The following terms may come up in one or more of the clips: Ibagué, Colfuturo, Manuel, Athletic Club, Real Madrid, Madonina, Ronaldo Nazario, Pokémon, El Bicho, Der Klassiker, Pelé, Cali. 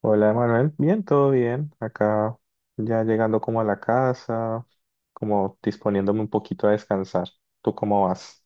Hola, Manuel. Bien, todo bien. Acá ya llegando como a la casa, como disponiéndome un poquito a descansar. ¿Tú cómo vas?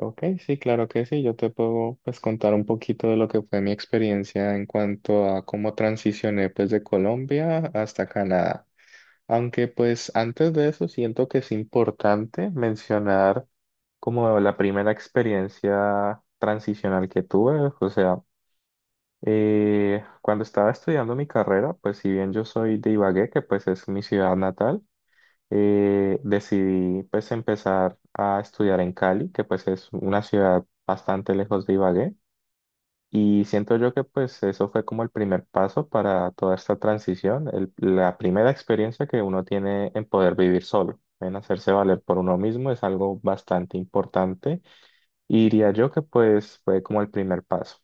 Ok, sí, claro que sí. Yo te puedo pues contar un poquito de lo que fue mi experiencia en cuanto a cómo transicioné pues de Colombia hasta Canadá. Aunque pues antes de eso siento que es importante mencionar como la primera experiencia transicional que tuve, o sea, cuando estaba estudiando mi carrera, pues si bien yo soy de Ibagué, que pues es mi ciudad natal, decidí pues empezar a estudiar en Cali, que pues es una ciudad bastante lejos de Ibagué. Y siento yo que pues eso fue como el primer paso para toda esta transición, la primera experiencia que uno tiene en poder vivir solo, en hacerse valer por uno mismo es algo bastante importante. Y diría yo que pues fue como el primer paso.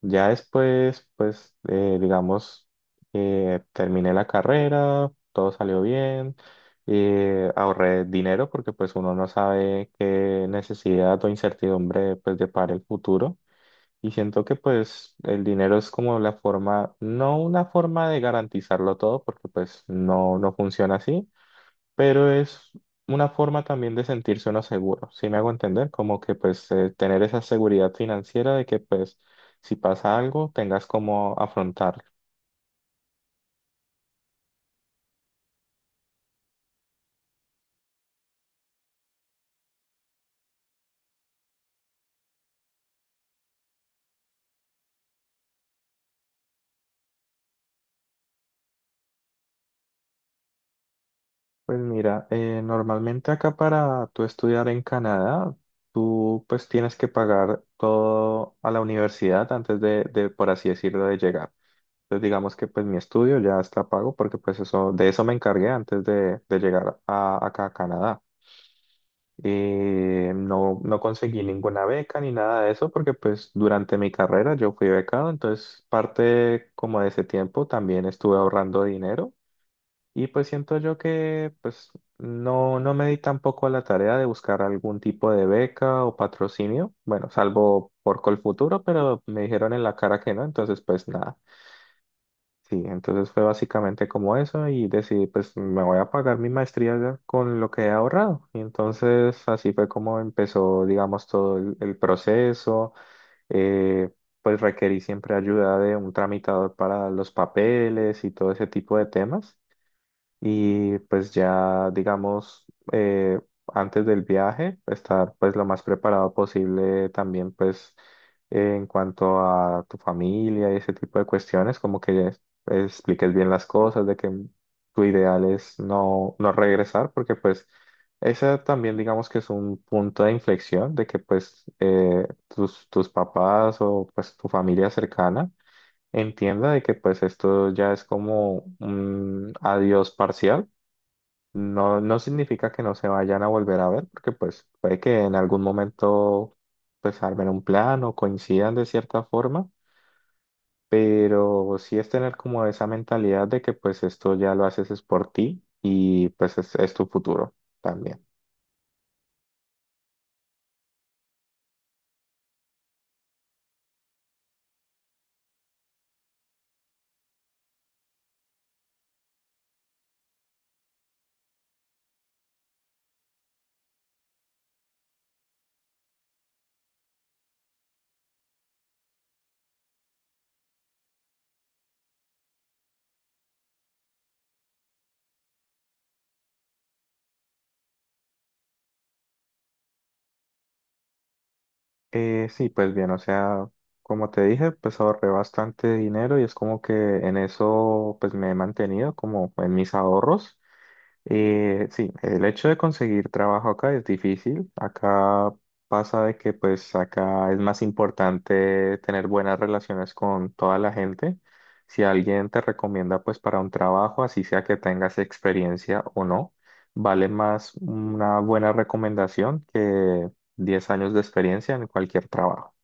Ya después, pues, digamos, terminé la carrera, todo salió bien, ahorré dinero porque pues uno no sabe qué necesidad o incertidumbre pues depara el futuro y siento que pues el dinero es como la forma, no una forma de garantizarlo todo porque pues no, no funciona así, pero es una forma también de sentirse uno seguro. ¿Sí me hago entender? Como que pues tener esa seguridad financiera de que pues si pasa algo tengas cómo afrontarlo. Pues mira, normalmente acá para tú estudiar en Canadá, tú pues tienes que pagar todo a la universidad antes de, por así decirlo, de llegar. Entonces digamos que pues mi estudio ya está pago porque pues eso, de eso me encargué antes de llegar acá a Canadá. No, no conseguí ninguna beca ni nada de eso porque pues durante mi carrera yo fui becado, entonces parte como de ese tiempo también estuve ahorrando dinero y pues siento yo que pues no, no me di tampoco a la tarea de buscar algún tipo de beca o patrocinio, bueno, salvo por Colfuturo, pero me dijeron en la cara que no, entonces pues nada. Sí, entonces fue básicamente como eso y decidí, pues me voy a pagar mi maestría ya con lo que he ahorrado. Y entonces así fue como empezó, digamos, todo el proceso. Eh, pues requerí siempre ayuda de un tramitador para los papeles y todo ese tipo de temas y pues ya digamos eh, antes del viaje estar pues lo más preparado posible también pues en cuanto a tu familia y ese tipo de cuestiones como que expliques bien las cosas de que tu ideal es no no regresar porque pues esa también digamos que es un punto de inflexión de que pues tus papás o pues tu familia cercana entienda de que pues esto ya es como un adiós parcial. No, no significa que no se vayan a volver a ver, porque pues puede que en algún momento pues armen un plan o coincidan de cierta forma, pero sí es tener como esa mentalidad de que pues esto ya lo haces es por ti y pues es tu futuro también. Sí, pues bien, o sea, como te dije, pues ahorré bastante dinero y es como que en eso pues me he mantenido como en mis ahorros. Sí, el hecho de conseguir trabajo acá es difícil. Acá pasa de que pues acá es más importante tener buenas relaciones con toda la gente. Si alguien te recomienda pues para un trabajo, así sea que tengas experiencia o no, vale más una buena recomendación que 10 años de experiencia en cualquier trabajo,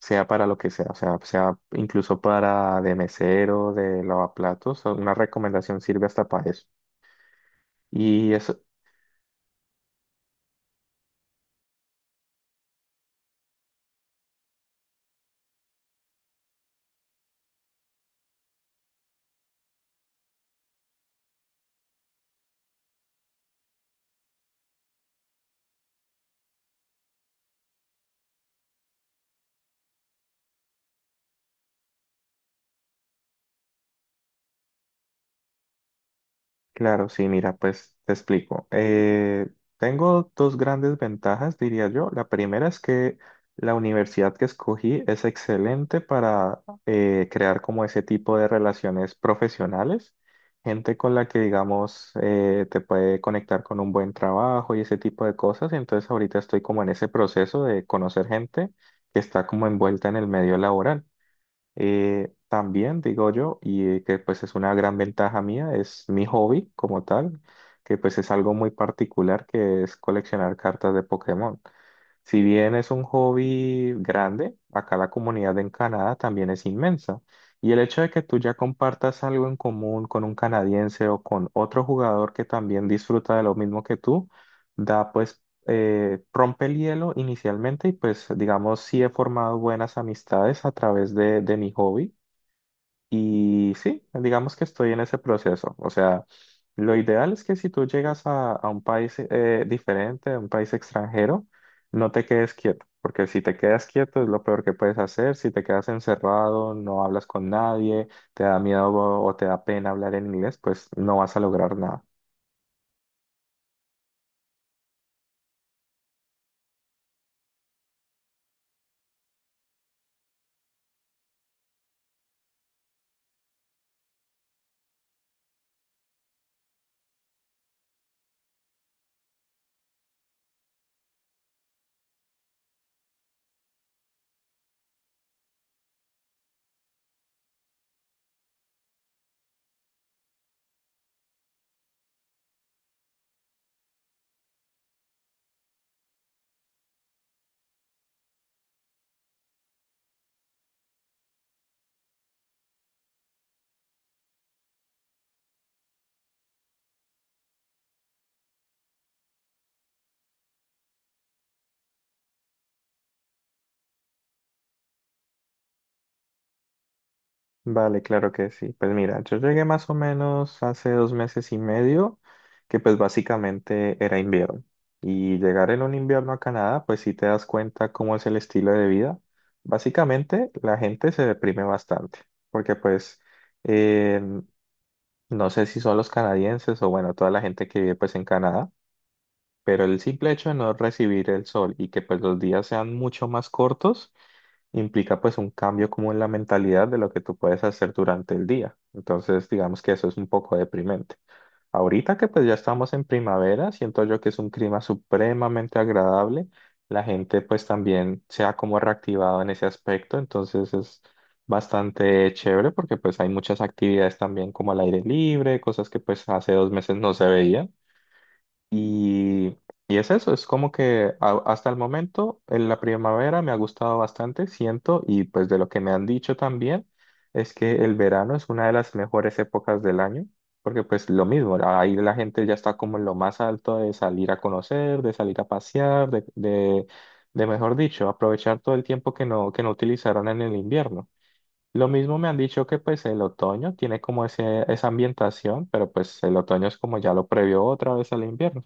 sea para lo que sea, o sea, sea incluso para de mesero, de lavaplatos, una recomendación sirve hasta para eso. Y es, claro, sí, mira, pues te explico. Tengo dos grandes ventajas, diría yo. La primera es que la universidad que escogí es excelente para crear como ese tipo de relaciones profesionales, gente con la que, digamos, te puede conectar con un buen trabajo y ese tipo de cosas. Entonces ahorita estoy como en ese proceso de conocer gente que está como envuelta en el medio laboral. También digo yo, y que pues es una gran ventaja mía, es mi hobby como tal, que pues es algo muy particular que es coleccionar cartas de Pokémon. Si bien es un hobby grande, acá la comunidad en Canadá también es inmensa. Y el hecho de que tú ya compartas algo en común con un canadiense o con otro jugador que también disfruta de lo mismo que tú, da pues, rompe el hielo inicialmente y pues digamos, sí he formado buenas amistades a través de mi hobby. Y sí, digamos que estoy en ese proceso. O sea, lo ideal es que si tú llegas a un país diferente, a un país extranjero, no te quedes quieto, porque si te quedas quieto es lo peor que puedes hacer. Si te quedas encerrado, no hablas con nadie, te da miedo o te da pena hablar en inglés, pues no vas a lograr nada. Vale, claro que sí. Pues mira, yo llegué más o menos hace 2 meses y medio, que pues básicamente era invierno. Y llegar en un invierno a Canadá, pues sí te das cuenta cómo es el estilo de vida. Básicamente la gente se deprime bastante, porque pues eh, no sé si son los canadienses o bueno, toda la gente que vive pues en Canadá, pero el simple hecho de no recibir el sol y que pues los días sean mucho más cortos implica pues un cambio como en la mentalidad de lo que tú puedes hacer durante el día. Entonces, digamos que eso es un poco deprimente. Ahorita que pues ya estamos en primavera, siento yo que es un clima supremamente agradable. La gente pues también se ha como reactivado en ese aspecto, entonces es bastante chévere porque pues hay muchas actividades también como al aire libre, cosas que pues hace 2 meses no se veían. Y, y es eso, es como que hasta el momento en la primavera me ha gustado bastante, siento, y pues de lo que me han dicho también, es que el verano es una de las mejores épocas del año, porque pues lo mismo, ahí la gente ya está como en lo más alto de salir a conocer, de salir a pasear, de mejor dicho, aprovechar todo el tiempo que no utilizaron en el invierno. Lo mismo me han dicho que pues el otoño tiene como ese, esa ambientación, pero pues el otoño es como ya lo previo otra vez al invierno.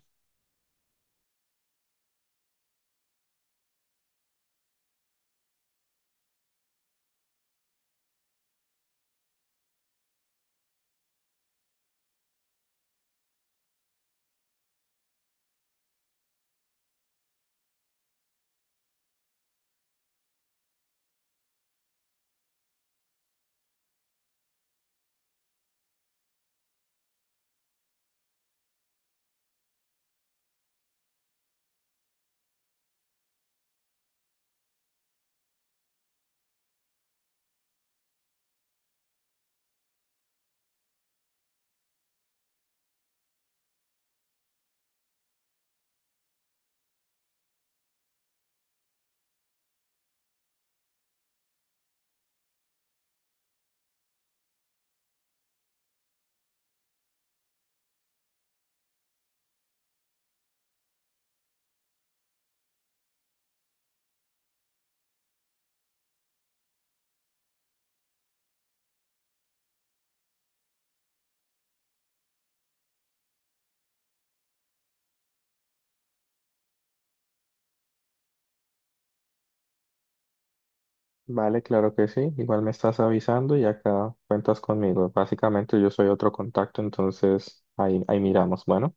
Vale, claro que sí. Igual me estás avisando y acá cuentas conmigo. Básicamente yo soy otro contacto, entonces ahí, ahí miramos. Bueno,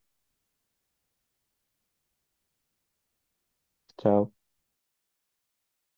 chao.